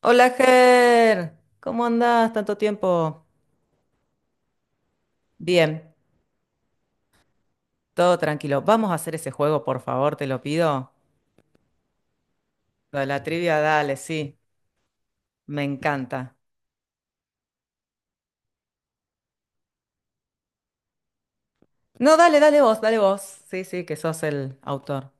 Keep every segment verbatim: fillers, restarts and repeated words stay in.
Hola, Ger. ¿Cómo andás? Tanto tiempo. Bien, todo tranquilo. Vamos a hacer ese juego, por favor, te lo pido. Lo de la trivia, dale, sí. Me encanta. No, dale, dale vos, dale vos. Sí, sí, que sos el autor.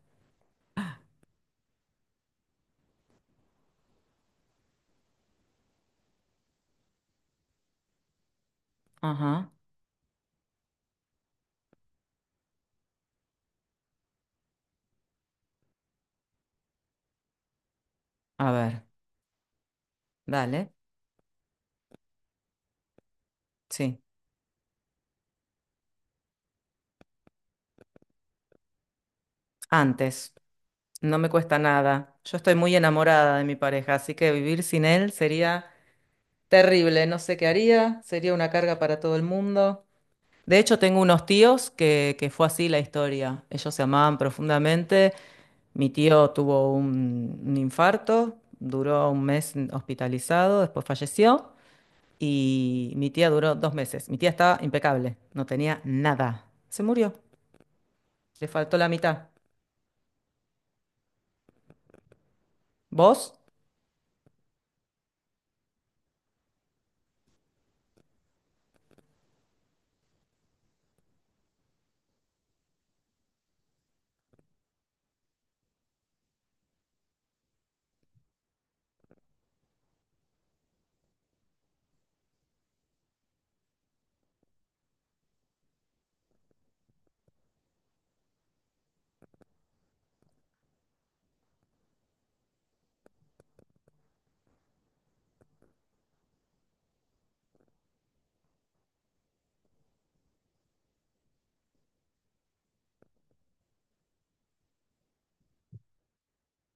Ajá. A ver, dale. Sí. Antes. No me cuesta nada. Yo estoy muy enamorada de mi pareja, así que vivir sin él sería terrible. No sé qué haría. Sería una carga para todo el mundo. De hecho, tengo unos tíos que, que fue así la historia. Ellos se amaban profundamente. Mi tío tuvo un, un infarto, duró un mes hospitalizado, después falleció. Y mi tía duró dos meses. Mi tía estaba impecable, no tenía nada. Se murió, le faltó la mitad. ¿Vos?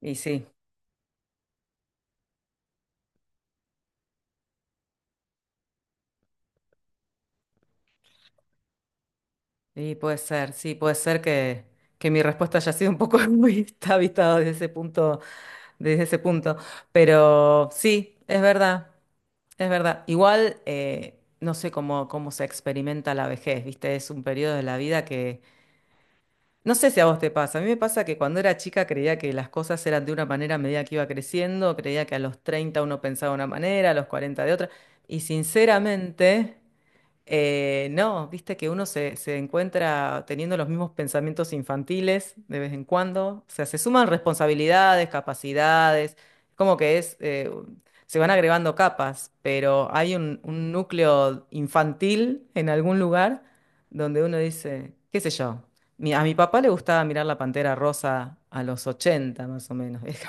Y sí, y puede ser, sí, puede ser que, que mi respuesta haya sido un poco muy vista desde ese punto, desde ese punto. Pero sí, es verdad. Es verdad. Igual, eh, no sé cómo, cómo se experimenta la vejez, ¿viste? Es un periodo de la vida que… No sé si a vos te pasa. A mí me pasa que cuando era chica creía que las cosas eran de una manera a medida que iba creciendo. Creía que a los treinta uno pensaba de una manera, a los cuarenta de otra. Y sinceramente… Eh, no, viste que uno se, se encuentra teniendo los mismos pensamientos infantiles de vez en cuando. O sea, se suman responsabilidades, capacidades, como que es, eh, se van agregando capas, pero hay un, un núcleo infantil en algún lugar donde uno dice, qué sé yo, mi- a mi papá le gustaba mirar La Pantera Rosa a los ochenta más o menos. Es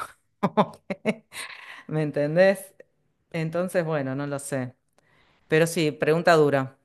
como que, ¿me entendés? Entonces, bueno, no lo sé. Pero sí, pregunta dura.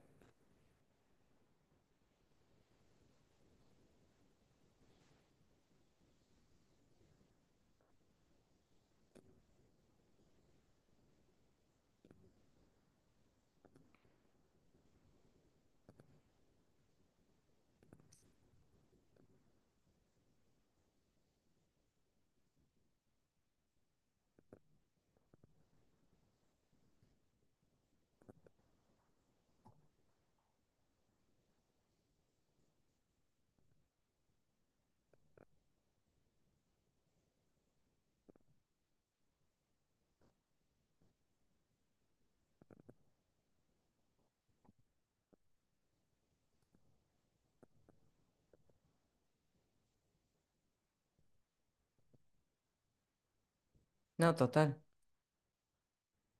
No, total.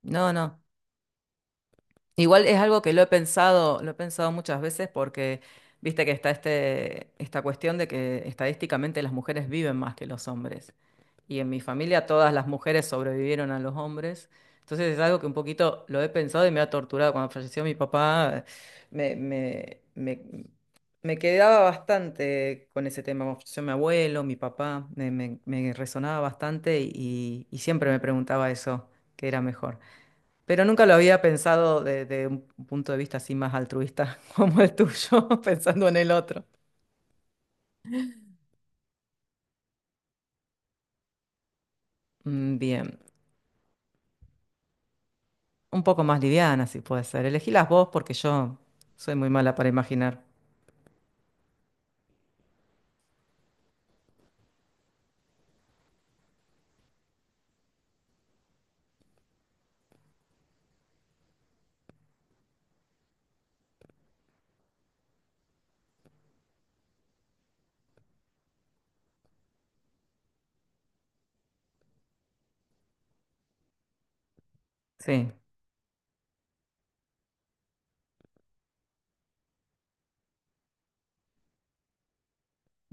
No, no. Igual es algo que lo he pensado, lo he pensado muchas veces porque viste que está este, esta cuestión de que estadísticamente las mujeres viven más que los hombres. Y en mi familia todas las mujeres sobrevivieron a los hombres. Entonces es algo que un poquito lo he pensado y me ha torturado. Cuando falleció mi papá, me, me, me, me quedaba bastante con ese tema. Cuando falleció mi abuelo, mi papá, me, me- me resonaba bastante y, y siempre me preguntaba eso, qué era mejor. Pero nunca lo había pensado desde un punto de vista así más altruista como el tuyo, pensando en el otro. Mm, bien, un poco más liviana, si puede ser. Elegílas vos porque yo soy muy mala para imaginar. Sí.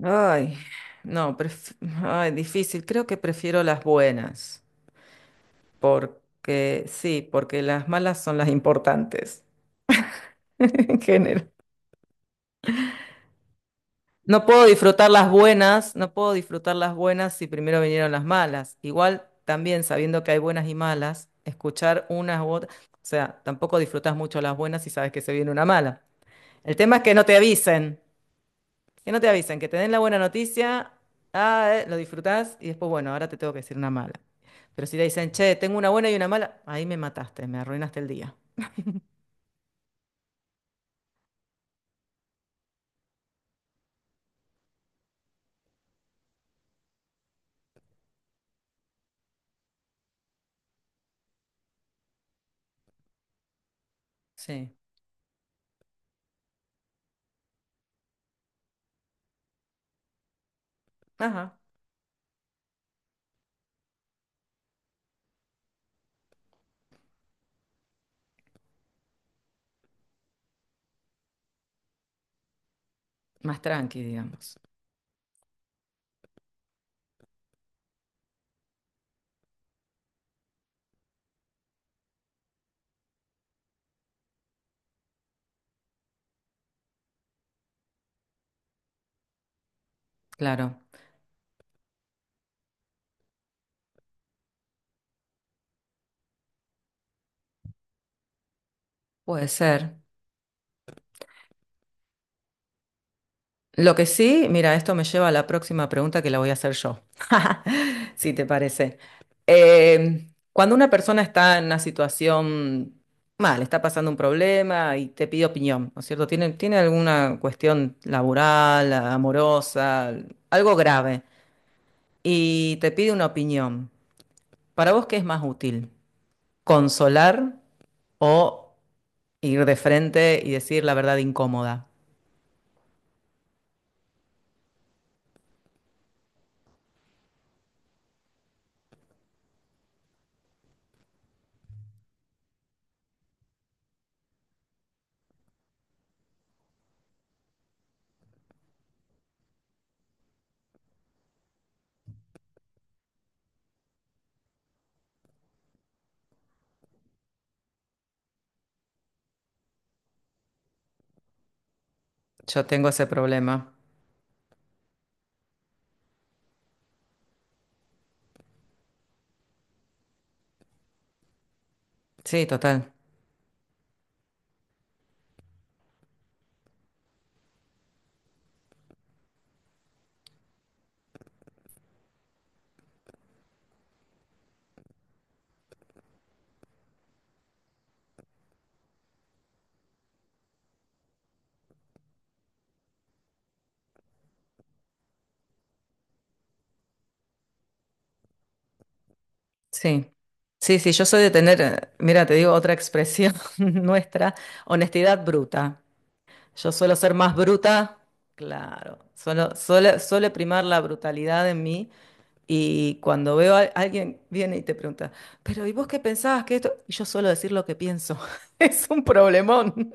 Ay, no, pref- ay, difícil. Creo que prefiero las buenas, porque sí, porque las malas son las importantes en general. No puedo disfrutar las buenas, no puedo disfrutar las buenas si primero vinieron las malas. Igual también sabiendo que hay buenas y malas, escuchar unas u otras, o sea, tampoco disfrutas mucho las buenas si sabes que se viene una mala. El tema es que no te avisen, que no te avisen, que te den la buena noticia, ah, eh, lo disfrutás y después, bueno, ahora te tengo que decir una mala. Pero si te dicen, che, tengo una buena y una mala, ahí me mataste, me arruinaste el día. Sí, ajá, más tranqui, digamos. Claro, puede ser. Lo que sí, mira, esto me lleva a la próxima pregunta que la voy a hacer yo, si te parece. Eh, Cuando una persona está en una situación mal, está pasando un problema y te pide opinión, ¿no es cierto? Tiene, tiene alguna cuestión laboral, amorosa, algo grave, y te pide una opinión. ¿Para vos qué es más útil? ¿Consolar o ir de frente y decir la verdad incómoda? Yo tengo ese problema. Sí, total. Sí, sí, sí, yo soy de tener, eh, mira, te digo otra expresión nuestra, honestidad bruta. Yo suelo ser más bruta, claro, suelo, suele, suele primar la brutalidad en mí y cuando veo a alguien viene y te pregunta, pero ¿y vos qué pensabas que esto? Y yo suelo decir lo que pienso, es un problemón.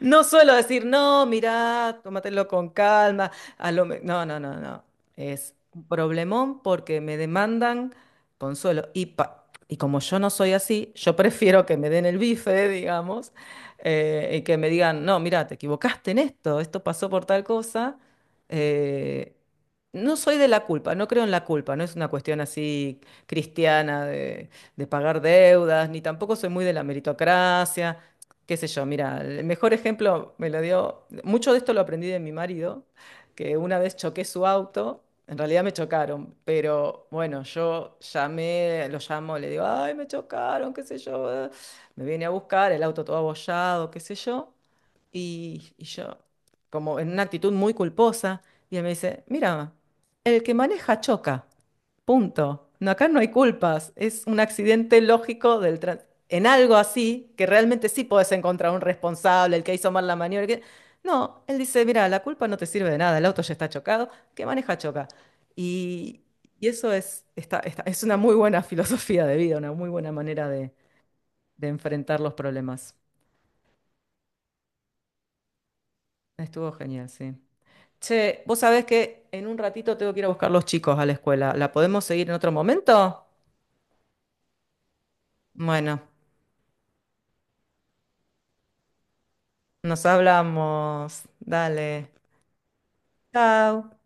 No suelo decir, no, mirá, tómatelo con calma. A lo me-". No, no, no, no. Es un problemón porque me demandan consuelo. Y, pa- y como yo no soy así, yo prefiero que me den el bife, digamos, eh, y que me digan, no, mirá, te equivocaste en esto, esto pasó por tal cosa. Eh, no soy de la culpa, no creo en la culpa, no es una cuestión así cristiana de, de pagar deudas, ni tampoco soy muy de la meritocracia, qué sé yo, mira, el mejor ejemplo me lo dio, mucho de esto lo aprendí de mi marido, que una vez choqué su auto, en realidad me chocaron, pero bueno, yo llamé, lo llamo, le digo, ay, me chocaron, qué sé yo, eh". Me viene a buscar, el auto todo abollado, qué sé yo, y, y yo, como en una actitud muy culposa, y él me dice, mira, el que maneja choca. Punto. No, acá no hay culpas, es un accidente lógico del tran- en algo así, que realmente sí podés encontrar un responsable, el que hizo mal la maniobra. El que… No, él dice, mira, la culpa no te sirve de nada, el auto ya está chocado, que maneja choca. Y, y eso es, está, está- es una muy buena filosofía de vida, una muy buena manera de, de enfrentar los problemas. Estuvo genial, sí. Che, vos sabés que en un ratito tengo que ir a buscar los chicos a la escuela. ¿La podemos seguir en otro momento? Bueno. Nos hablamos. Dale. Chao.